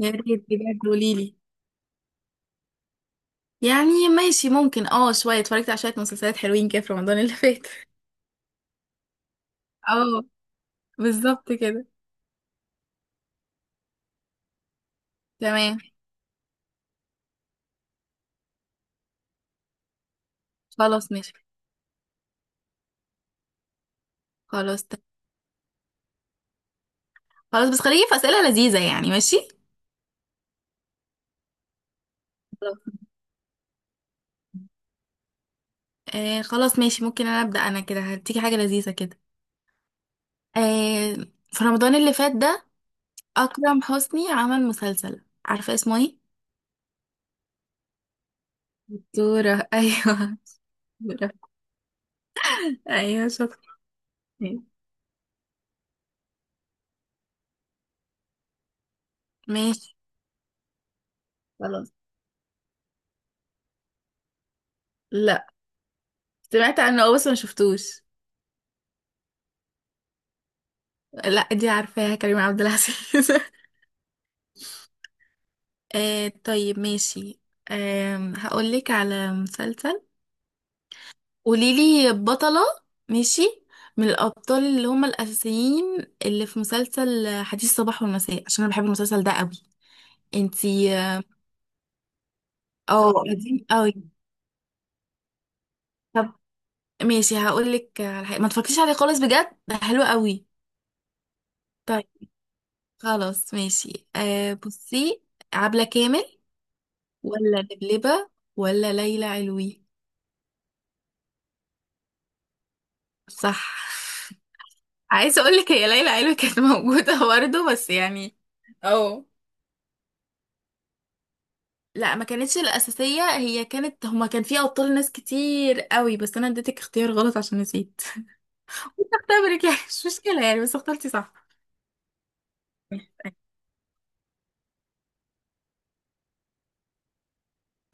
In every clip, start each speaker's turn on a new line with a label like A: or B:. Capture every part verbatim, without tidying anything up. A: يا ريت بجد قولي لي. يعني ماشي ممكن اه شوية اتفرجت على شوية مسلسلات حلوين كده في رمضان اللي فات. اه، بالظبط كده. تمام خلاص ماشي خلاص ت- خلاص، بس خليكي في أسئلة لذيذة يعني. ماشي خلاص. آه خلاص ماشي، ممكن انا أبدأ، انا كده هديكي حاجة لذيذة كده. آه، في رمضان اللي فات ده أكرم حسني عمل مسلسل، عارفة اسمه ايه؟ دورة. ايوه دورة. ايوه شاطرة. ماشي خلاص. لا، سمعت عنه اه بس ما شفتوش. لا دي عارفاها، كريم عبد العزيز. آه طيب ماشي. آه هقولك على مسلسل، قوليلي بطلة. ماشي، من الأبطال اللي هم الأساسيين اللي في مسلسل حديث الصباح والمساء، عشان أنا بحب المسلسل ده قوي. انتي اه. آه، قديم قوي. طب ماشي، هقولك على حاجة ما تفكريش عليه خالص، بجد ده حلو قوي. طيب خلاص ماشي. آه بصي، عبلة كامل ولا لبلبة ولا ليلى علوي. صح. عايزه اقول لك هي ليلى علوي كانت موجوده برضه، بس يعني. اه. لا ما كانتش الاساسيه، هي كانت هما كان فيها ابطال ناس كتير قوي، بس انا اديتك اختيار غلط عشان نسيت. كنت اختبرك يعني، مش مشكله يعني، بس اخترتي صح.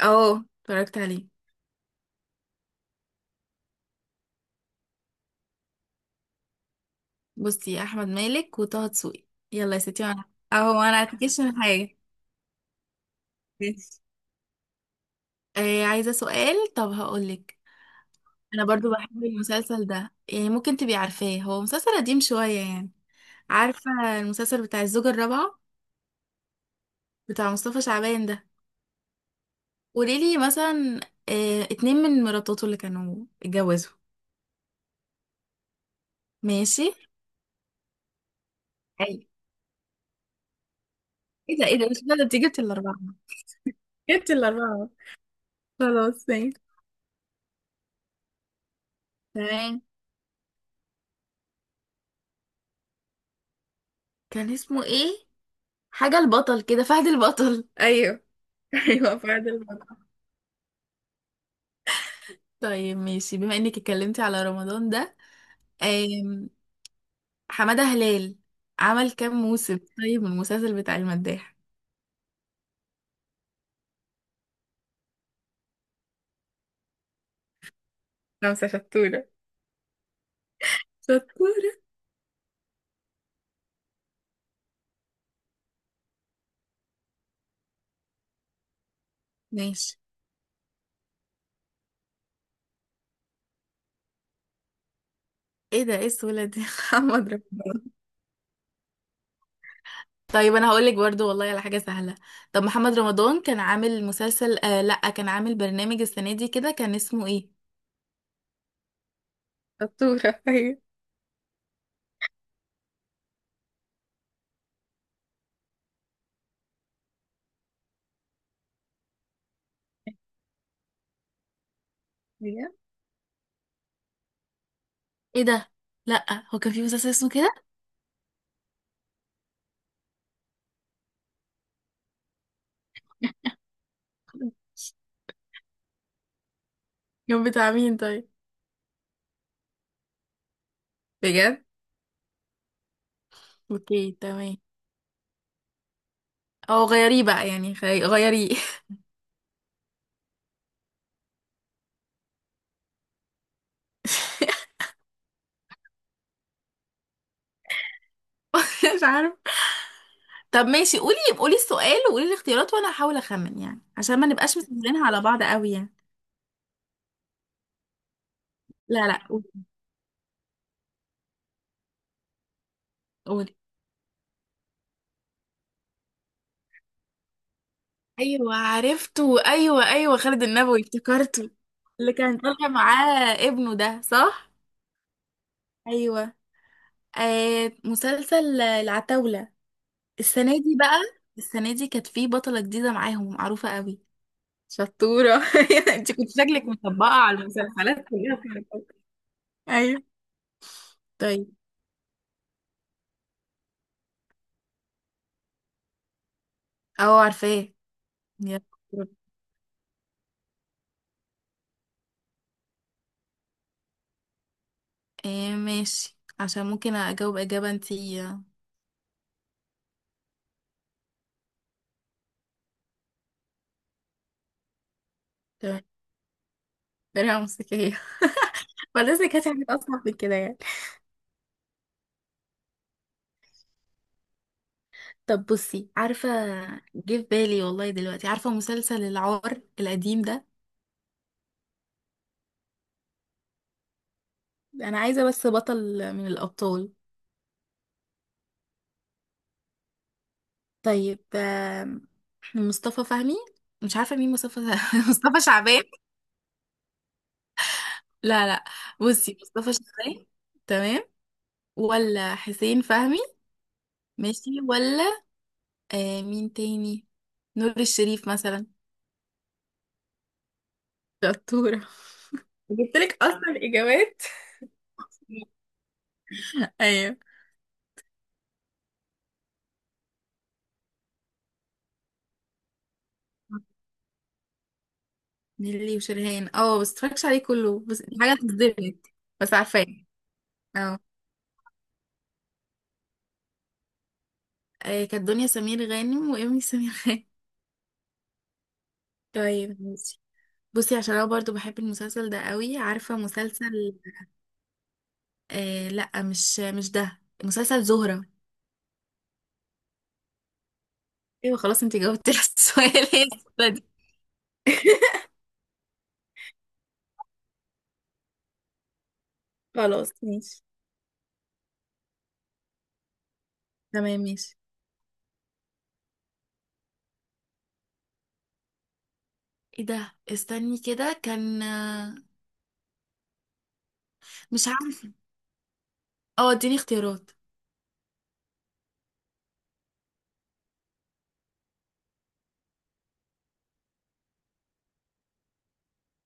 A: اه اتفرجت عليه. بصي احمد مالك وطه دسوقي. يلا يا ستي انا اهو، انا هتكشف حاجه. ماشي. آه عايزه سؤال، طب هقول لك. انا برضو بحب المسلسل ده يعني، ممكن تبقي عارفاه، هو مسلسل قديم شوية يعني. عارفة المسلسل بتاع الزوجة الرابعة بتاع مصطفى شعبان ده؟ قوليلي مثلا اه اتنين من مراتاته اللي كانوا اتجوزوا. ماشي. اي، ايه ده، ايه ده، مش ده انت جبت الاربعة؟ جبت الاربعة، خلاص ماشي تمام. كان اسمه ايه؟ حاجة البطل كده، فهد البطل ايوه. ايوه فهد البطل. طيب ماشي، بما انك اتكلمتي على رمضان ده، حمادة هلال عمل كام موسم طيب من المسلسل بتاع المداح؟ خمسة شطورة. شطورة. ماشي ايه ده، ايه السهولة دي؟ محمد رمضان. طيب انا هقولك برضو والله على حاجة سهلة. طب محمد رمضان كان عامل مسلسل آه لا، كان عامل برنامج السنة دي كده، كان اسمه ايه؟ شطورة. أيوة. بجد؟ ايه ده، لا هو كان في مسلسل اسمه كده. كان بتاع مين طيب؟ بجد؟ اوكي تمام. او غيريه بقى يعني خي- غيريه. مش عارفة. طب ماشي قولي، قولي السؤال وقولي الاختيارات وانا هحاول اخمن يعني، عشان ما نبقاش مسهلينها على بعض قوي يعني. لا لا قولي، قولي. ايوه عرفته، ايوه ايوه خالد النبوي افتكرته. اللي كان طالع معاه ابنه ده، صح. ايوه. آه مسلسل العتاولة، السنة دي بقى، السنة دي كانت في بطلة جديدة معاهم معروفة قوي. شطورة. انت كنت شكلك مطبقة على المسلسلات كلها في الأول. ايوه. طيب اه عارفاه. يلا. ايه ماشي، عشان ممكن اجاوب اجابة انتي. تمام. درع موسيقية. فلازم كانت حاجة اصعب من كده يعني. طب بصي، عارفة جه في بالي والله دلوقتي، عارفة مسلسل العار القديم ده. انا عايزة بس بطل من الابطال. طيب آم، مصطفى فهمي، مش عارفة مين مصطفى. مصطفى شعبان، لا لا. بصي مصطفى شعبان، تمام، ولا حسين فهمي، ماشي، ولا آه مين تاني، نور الشريف مثلا. شطورة. جبتلك اصلا الاجابات. ايوه. نيللي وشريهان اه، بس متفرجش عليه كله بس حاجة تصدمك. بس عارفاه. اه آه، كانت دنيا سمير غانم وإيمي سمير غانم. طيب ماشي. بصي عشان انا برضو بحب المسلسل ده قوي، عارفة مسلسل آه لا، مش مش ده مسلسل زهرة. ايوه خلاص، انتي جاوبتي على السؤال. إيه الزهرة دي. خلاص ماشي. تمام ماشي. ايه ده، استني كده، كان آه، مش عارفة. اه اديني اختيارات.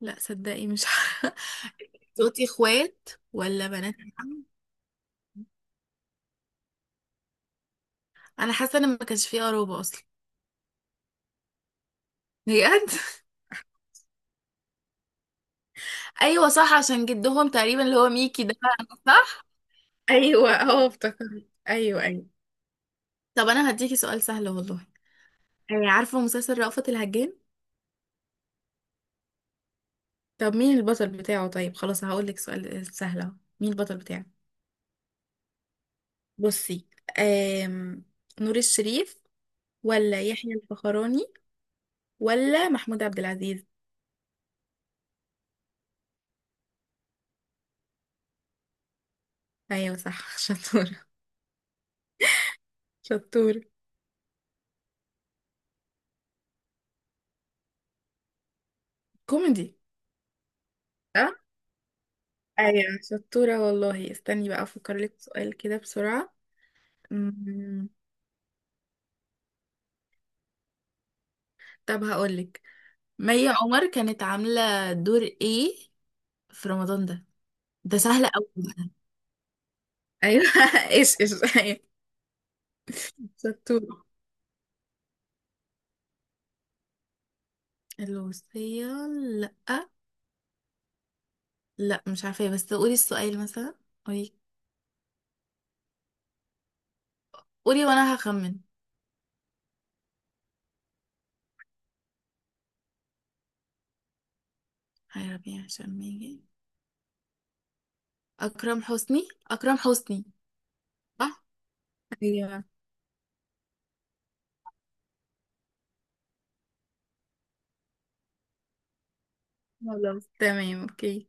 A: لا صدقي مش عارفة. صوتي اخوات ولا بنات عم. انا حاسه ان ما كانش فيه قرابه اصلا. بجد. ايوه صح، عشان جدهم تقريبا اللي هو ميكي ده. صح. ايوه اه افتكرت، ايوه ايوه. طب انا هديكي سؤال سهل والله. آه، عارفه مسلسل رأفت الهجان. طب مين البطل بتاعه؟ طيب خلاص هقول لك سؤال سهل اهو، مين البطل بتاعه. بصي آم... نور الشريف ولا يحيى الفخراني ولا محمود عبد العزيز. ايوه صح. شطوره شطوره. كوميدي. اه ايوه شطورة والله، استني بقى افكر لك في سؤال كده بسرعة. أمم، طب هقولك، مي عمر كانت عاملة دور ايه في رمضان ده؟ ده سهل قوي بقى. ايوه. ايش ايش. ايوه شطورة. الوصية، لا، لا مش عارفة بس قولي السؤال مثلا. قولي، قولي وانا هخمن. يا ربي عشان ما يجي، اكرم حسني، اكرم حسني. صح. ايوه خلاص تمام اوكي.